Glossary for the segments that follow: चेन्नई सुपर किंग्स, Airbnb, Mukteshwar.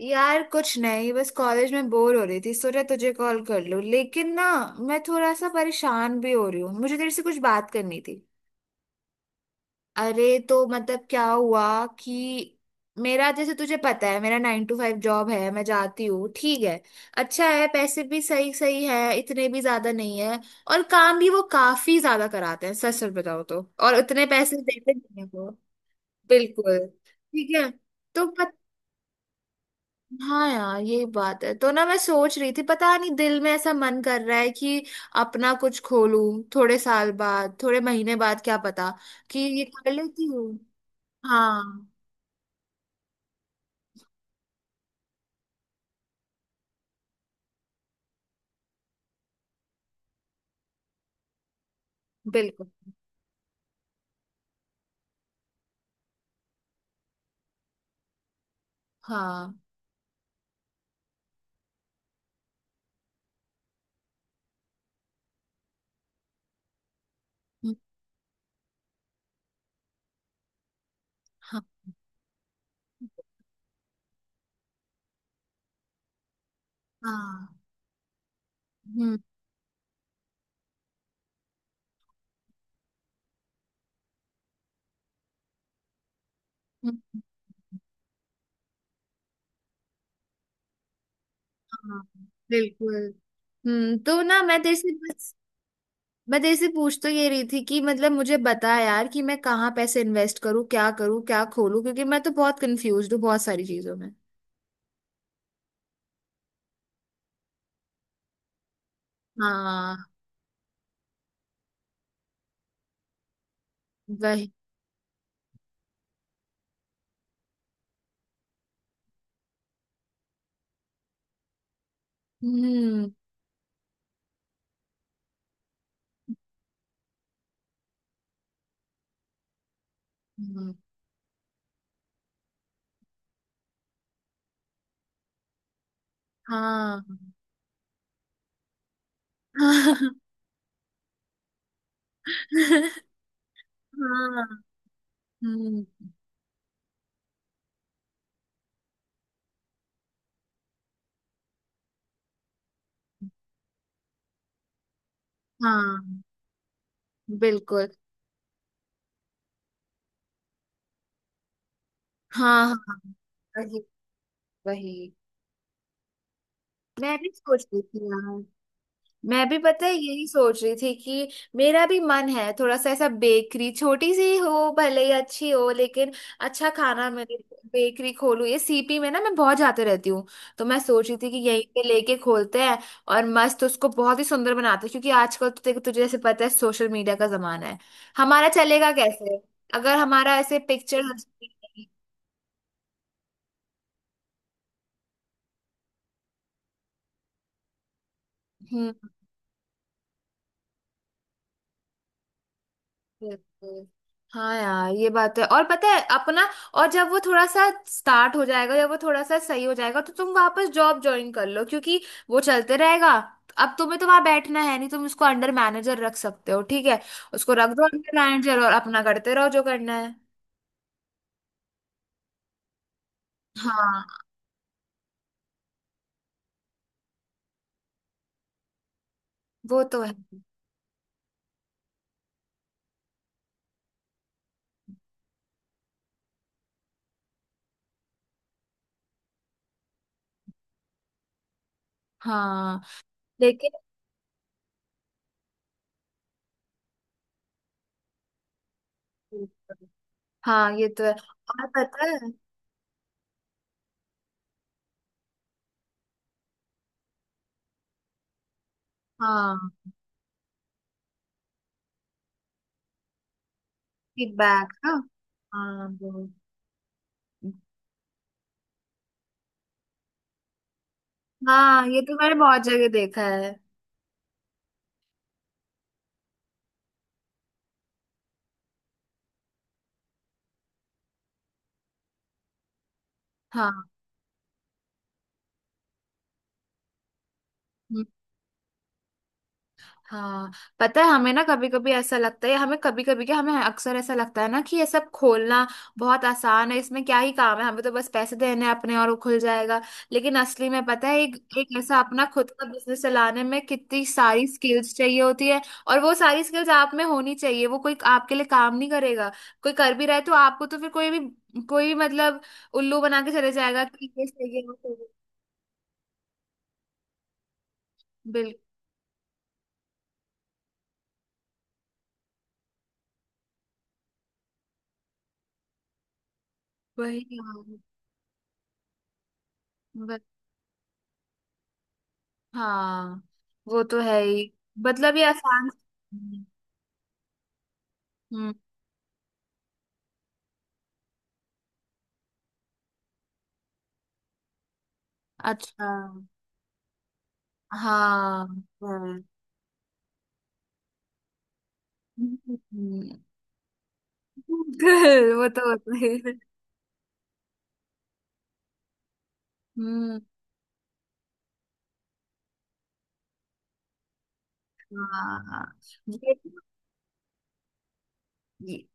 यार कुछ नहीं, बस कॉलेज में बोर हो रही थी, सोचा तुझे कॉल कर लूं। लेकिन ना, मैं थोड़ा सा परेशान भी हो रही हूँ, मुझे तेरे से कुछ बात करनी थी। अरे तो मतलब क्या हुआ कि मेरा, जैसे तुझे पता है, मेरा 9 टू 5 जॉब है, मैं जाती हूँ, ठीक है, अच्छा है, पैसे भी सही सही है, इतने भी ज्यादा नहीं है। और काम भी वो काफी ज्यादा कराते हैं, सच सच बताओ तो, और उतने पैसे देते नहीं है वो। बिल्कुल ठीक है। तो हाँ यार, ये बात है। तो ना, मैं सोच रही थी, पता नहीं दिल में ऐसा मन कर रहा है कि अपना कुछ खोलूं, थोड़े साल बाद, थोड़े महीने बाद, क्या पता कि ये कर लेती हूँ। हाँ। बिल्कुल। हाँ। हम्म, हाँ हाँ। हम्म। हम्म, हाँ। बिल्कुल। हम्म, तो ना मैं तेरे से बस, मैं तेरे से पूछ तो ये रही थी कि मतलब मुझे बता यार कि मैं कहाँ पैसे इन्वेस्ट करूँ, क्या करूँ, क्या खोलूँ, क्योंकि मैं तो बहुत कंफ्यूज हूँ बहुत सारी चीजों में। हाँ। वही। हम्म। हम्म, हाँ हाँ हाँ। हम्म। हाँ। बिल्कुल। हाँ हाँ हाँ, वही। वही। मैं भी सोच रही थी, मैं भी पता है यही सोच रही थी कि मेरा भी मन है थोड़ा सा ऐसा, बेकरी छोटी सी हो भले ही, अच्छी हो, लेकिन अच्छा खाना मिले। बेकरी खोलूं। ये सीपी में ना मैं बहुत जाते रहती हूँ, तो मैं सोच रही थी कि यहीं पे लेके खोलते हैं और मस्त उसको बहुत ही सुंदर बनाते हैं, क्योंकि आजकल तो देखो, तुझे जैसे पता है सोशल मीडिया का जमाना है। हमारा चलेगा कैसे अगर हमारा ऐसे पिक्चर। हम्म। बिल्कुल। हाँ यार, ये बात तो है। और पता है अपना, और जब वो थोड़ा सा स्टार्ट हो जाएगा या वो थोड़ा सा सही हो जाएगा, तो तुम वापस जॉब ज्वाइन कर लो, क्योंकि वो चलते रहेगा। अब तुम्हें तो वहां बैठना है नहीं, तुम उसको अंडर मैनेजर रख सकते हो, ठीक है। उसको रख दो अंडर मैनेजर और अपना करते रहो जो करना है। हाँ। वो तो है। हाँ। लेकिन। हाँ ये तो है। और पता है, हाँ, फीडबैक ना। हाँ, वो। हाँ ये तो मैंने बहुत जगह देखा है। हाँ। हम्म, हाँ। पता है हमें ना कभी कभी ऐसा लगता है, हमें कभी कभी क्या, हमें अक्सर ऐसा लगता है ना कि ये सब खोलना बहुत आसान है, इसमें क्या ही काम है, हमें तो बस पैसे देने हैं अपने और वो खुल जाएगा। लेकिन असली में पता है, एक एक ऐसा अपना खुद का बिजनेस चलाने में कितनी सारी स्किल्स चाहिए होती है, और वो सारी स्किल्स आप में होनी चाहिए। वो कोई आपके लिए काम नहीं करेगा। कोई कर भी रहा है तो आपको तो फिर, कोई भी, कोई भी उल्लू बना के चले जाएगा कि ये सही है वो सही है। बिल्कुल। वही। यार, हाँ वो तो है ही। मतलब ये आसान। हम्म। अच्छा। हाँ। हाँ। हम्म, वो तो होता ही है। हम्म। हाँ। ये, ये-,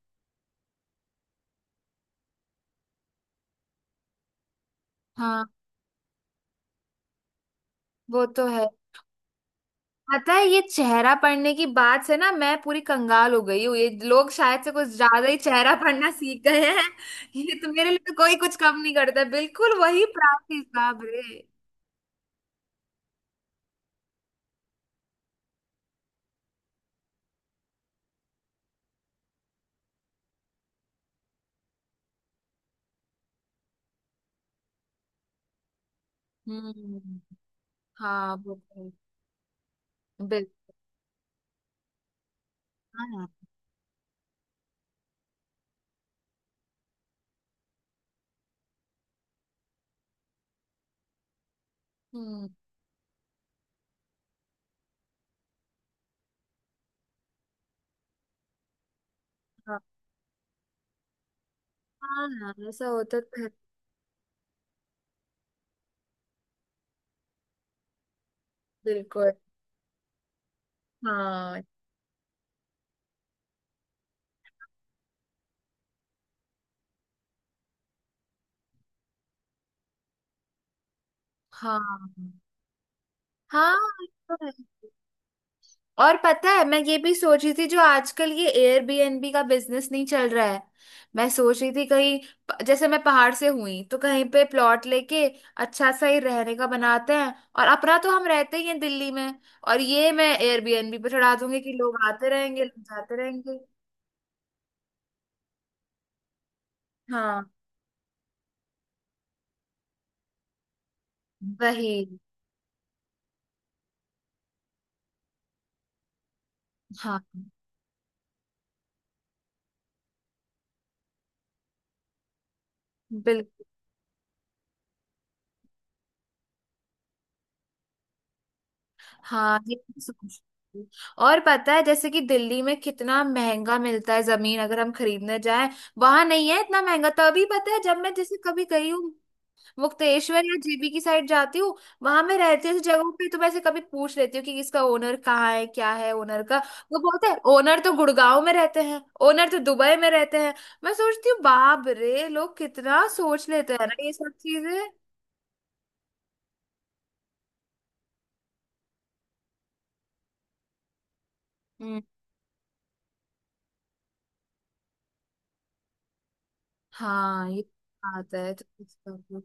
हाँ वो तो है। पता है, ये चेहरा पढ़ने की बात से ना, मैं पूरी कंगाल हो गई हूँ। ये लोग शायद से कुछ ज्यादा ही चेहरा पढ़ना सीख गए हैं। ये तो, मेरे लिए तो कोई कुछ कम नहीं करता, बिल्कुल वही प्राप्ति हिसाब रे। हम्म। हाँ वो तो है। हाँ। हम्म। हाँ हाँ, ऐसा होता तो है। बिल्कुल। हाँ। हाँ हाँ ये तो है। और पता है, मैं ये भी सोच रही थी, जो आजकल ये एयरबीएनबी का बिजनेस नहीं चल रहा है, मैं सोच रही थी कहीं, प-, जैसे मैं पहाड़ से हुई तो कहीं पे प्लॉट लेके अच्छा सा ही रहने का बनाते हैं, और अपना तो हम रहते ही हैं दिल्ली में, और ये मैं एयरबीएनबी पे चढ़ा दूंगी कि लोग आते रहेंगे लोग जाते रहेंगे। हाँ वही। हाँ। बिल्कुल। हाँ ये भी सोच रही हूँ। और पता है जैसे कि दिल्ली में कितना महंगा मिलता है जमीन, अगर हम खरीदने जाएं। वहां नहीं है इतना महंगा, तभी पता है जब मैं जैसे कभी गई हूँ, मुक्तेश्वर या जेबी की साइड जाती हूँ, वहां मैं रहती हूँ ऐसी जगहों पे, तो मैं ऐसे कभी पूछ लेती हूँ कि इसका ओनर कहाँ है, क्या है ओनर का। वो बोलते हैं ओनर तो गुड़गांव में रहते हैं, ओनर तो दुबई में रहते हैं। मैं सोचती हूँ, बाप रे, लोग कितना सोच लेते हैं ना ये सब चीजें। हम्म, हाँ ये बात है। तो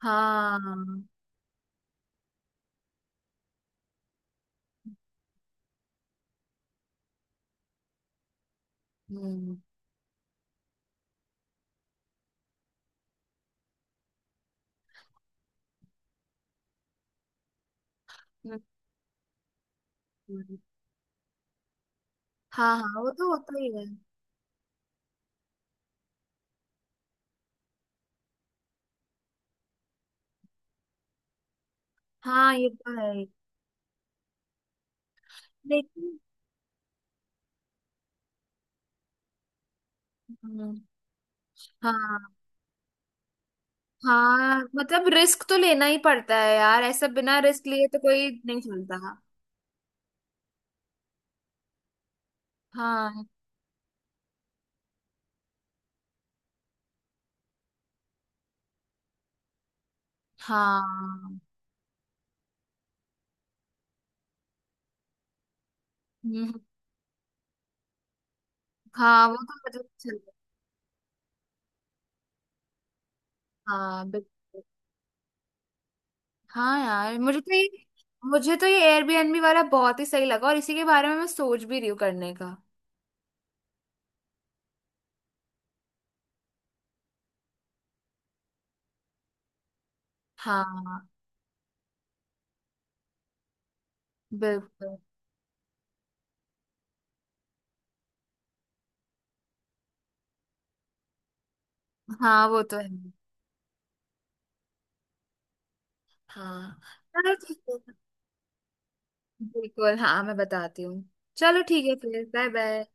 हाँ। हम्म। हम्म, हाँ हाँ, वो तो होता ही है। हाँ ये तो है ही। लेकिन। हम्म, हाँ। हाँ, मतलब रिस्क तो लेना ही पड़ता है यार, ऐसा बिना रिस्क लिए तो कोई नहीं चलता। हाँ। हाँ। हम्म, हाँ वो तो मतलब चलता। हाँ बिल्कुल। हाँ यार, मुझे तो ये एयरबीएनबी वाला बहुत ही सही लगा, और इसी के बारे में मैं सोच भी रही हूँ करने का। हाँ। बिल्कुल। हाँ वो तो है। हाँ। चलो ठीक है। बिल्कुल, हाँ मैं बताती हूँ। चलो ठीक है फिर, बाय बाय।